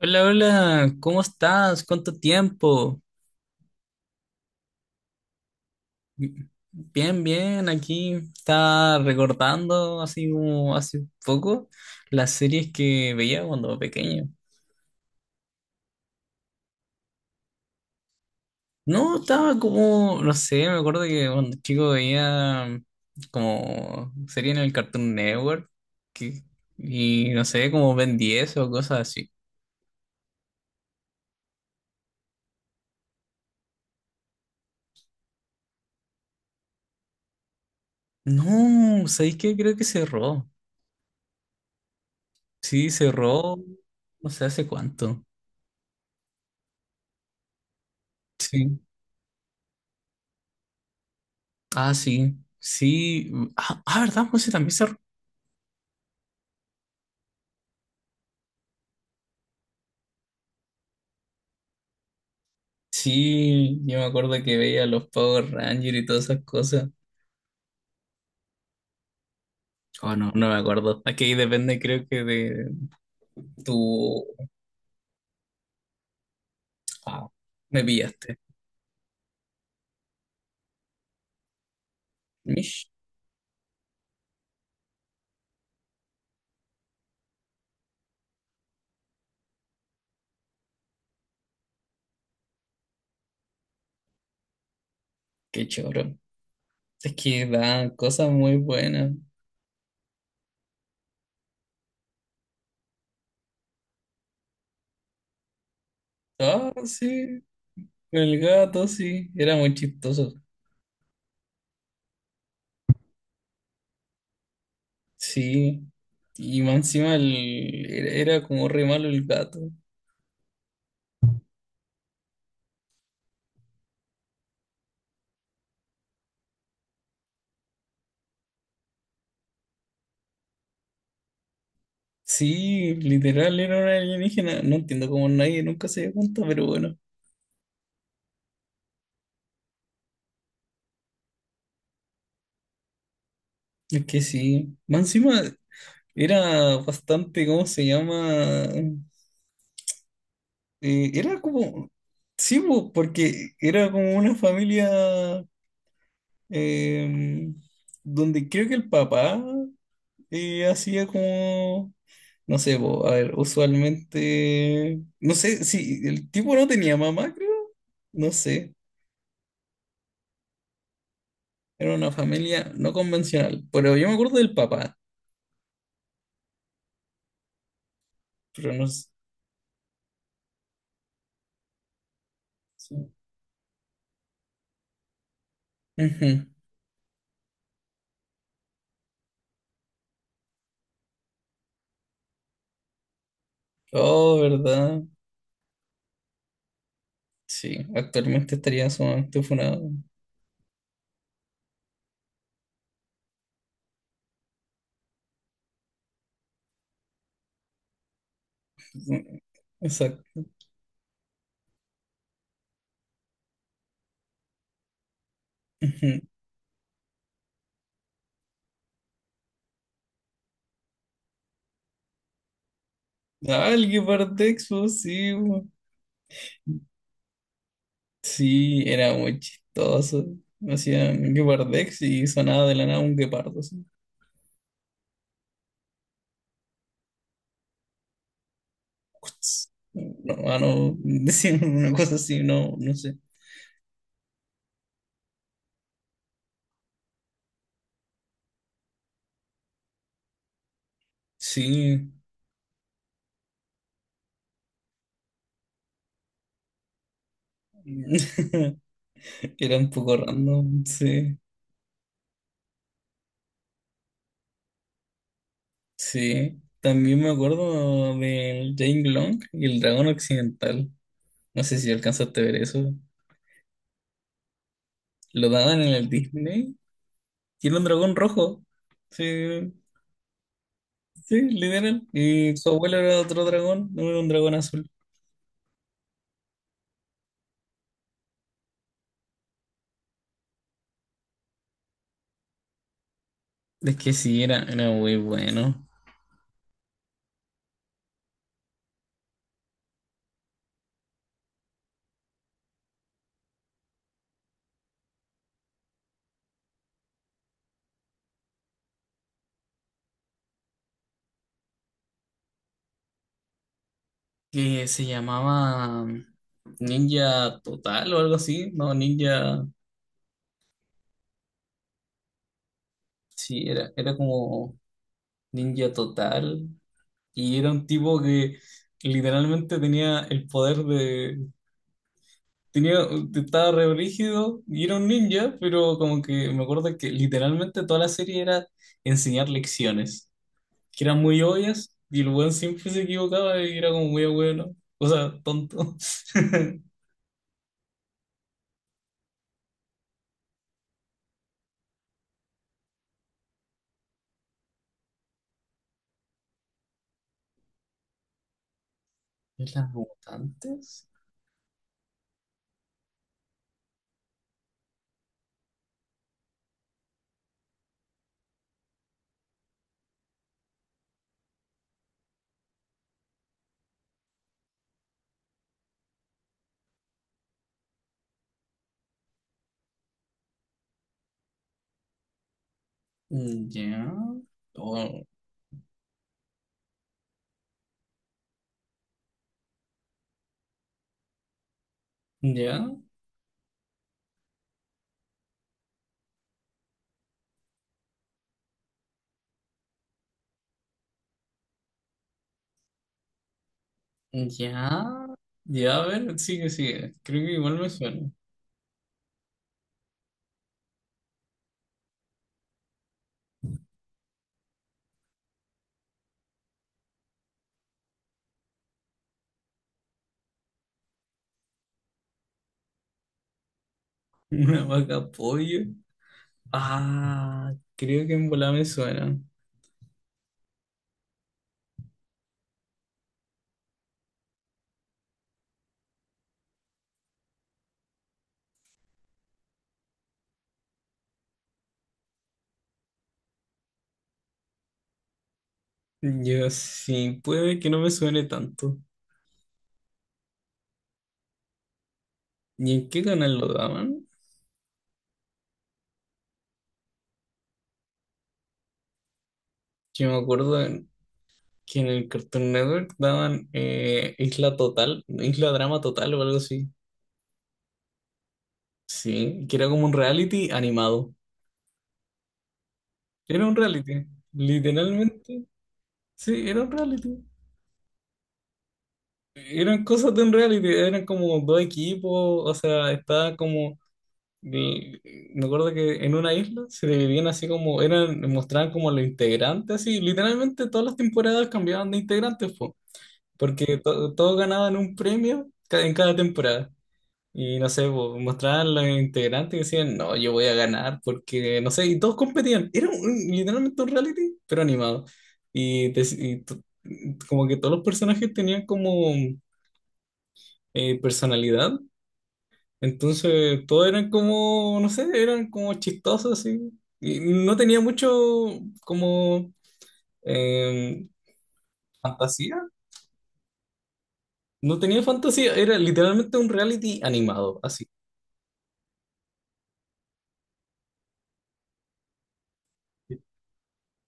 Hola, hola, ¿cómo estás? ¿Cuánto tiempo? Bien, bien, aquí estaba recordando así como hace poco las series que veía cuando era pequeño. No, estaba como, no sé, me acuerdo que cuando chico veía como serie en el Cartoon Network que- y no sé, como Ben 10 o cosas así. No, ¿sabéis qué? Creo que cerró. Sí, cerró, no sé hace cuánto. Sí. Ah, sí, sí. Ah, ah, ¿verdad? Monse también se... Sí, yo me acuerdo que veía los Power Rangers y todas esas cosas. Oh, no, no me acuerdo. Aquí depende, creo que de tu... Wow, me pillaste. Mish, qué choro. Es que dan cosas muy buenas. Ah, sí, el gato, sí, era muy chistoso. Sí, y más encima el... era era como re malo el gato. Sí, literal era una alienígena. No entiendo cómo nadie nunca se dio cuenta, pero bueno, es que sí. Más encima era bastante, ¿cómo se llama? Era como, sí, po, porque era como una familia eh, donde creo que el papá hacía como, no sé, po, a ver, usualmente, no sé, si el tipo no tenía mamá, creo, no sé. Era una familia no convencional, pero yo me acuerdo del papá, pero no s- sí. Ujú. Oh, ¿verdad? Sí, actualmente estaría sumamente funado. Ujú. Exacto. Ujú. Ah, el Guepardex, pues, sí, po. Sí, era muy chistoso. Hacían Guepardex y sonaba de la nada un guepardo. Así. Cuts. No, ah, no, decían una cosa así, no, no sé. Sí, era un poco random, sí. Sí, también me acuerdo del Jane Long y el dragón occidental. No sé si alcanzaste a ver eso. Lo daban en el Disney y era un dragón rojo. Sí, sí, literal. Y su abuelo era otro dragón, no era un dragón azul. Es que sí, era, era muy bueno. Que se llamaba Ninja Total o algo así. No, Ninja. Sí, era, era como Ninja Total. Y era un tipo que literalmente tenía el poder de Tenía, estaba re brígido y era un ninja, pero como que me acuerdo que literalmente toda la serie era enseñar lecciones, que eran muy obvias y el weón siempre se equivocaba y era como muy bueno, o sea, tonto. ¿Las mutantes? Mm, ya, oh, ya, ya, ya, a ver, sigue, sigue, creo que igual me suena. Una vaca pollo. Ah, creo que en bola me suena. Yo sí, puede que no me suene tanto. ¿Y en qué canal lo daban? Yo me acuerdo en- Que en el Cartoon Network daban Isla Total, Isla Drama Total o algo así. Sí, que era como un reality animado. Era un reality, literalmente. Sí, era un reality. Eran cosas de un reality, eran como dos equipos, o sea, estaba como Y me acuerdo que en una isla se dividían así como, eran, mostraban como los integrantes, así, literalmente todas las temporadas cambiaban de integrantes, po, porque todos ganaban un premio en cada temporada. Y no sé, po, mostraban los integrantes y decían, no, yo voy a ganar, porque no sé, y todos competían. Era literalmente un reality, pero animado. Y, te- y to- Como que todos los personajes tenían como personalidad, entonces todos eran como, no sé, eran como chistosos, así. Y no tenía mucho como eh, fantasía. No tenía fantasía, era literalmente un reality animado, así.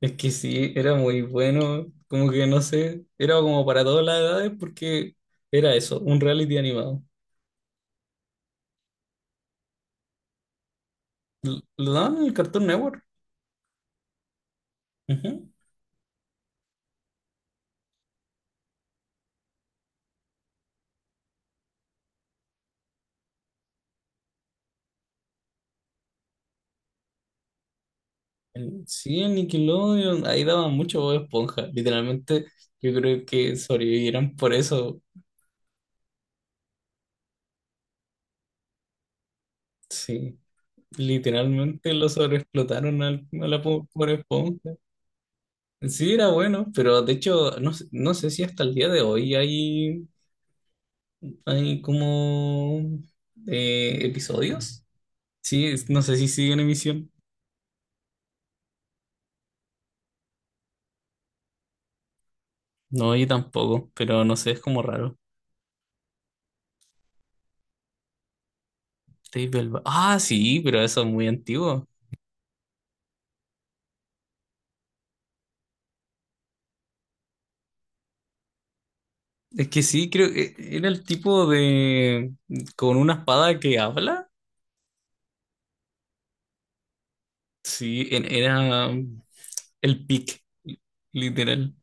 Es que sí, era muy bueno, como que no sé, era como para todas las edades porque era eso, un reality animado. Lo daban en el Cartoon Network. Ujú. Sí, en Nickelodeon, ahí daban mucho Bob Esponja, literalmente yo creo que sobrevivieron por eso, sí. Literalmente lo sobreexplotaron al, a la pobre esponja. Sí, era bueno, pero de hecho, no, no sé si hasta el día de hoy hay, hay como episodios. Sí, no sé si sigue en emisión. No, yo tampoco, pero no sé, es como raro. Ah, sí, pero eso es muy antiguo. Es que sí, creo que era el tipo de... con una espada que habla. Sí, era el pic, literal.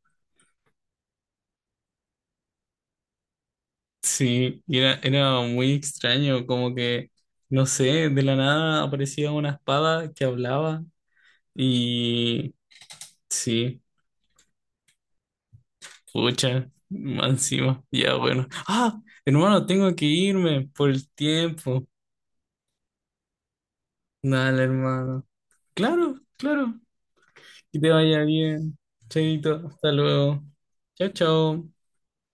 Sí, y era, era muy extraño, como que, no sé, de la nada aparecía una espada que hablaba y sí, pucha, más encima, ya bueno. Ah, hermano, tengo que irme por el tiempo. Dale, hermano. Claro, claro, que te vaya bien. Chaito, hasta luego. Chao, chao.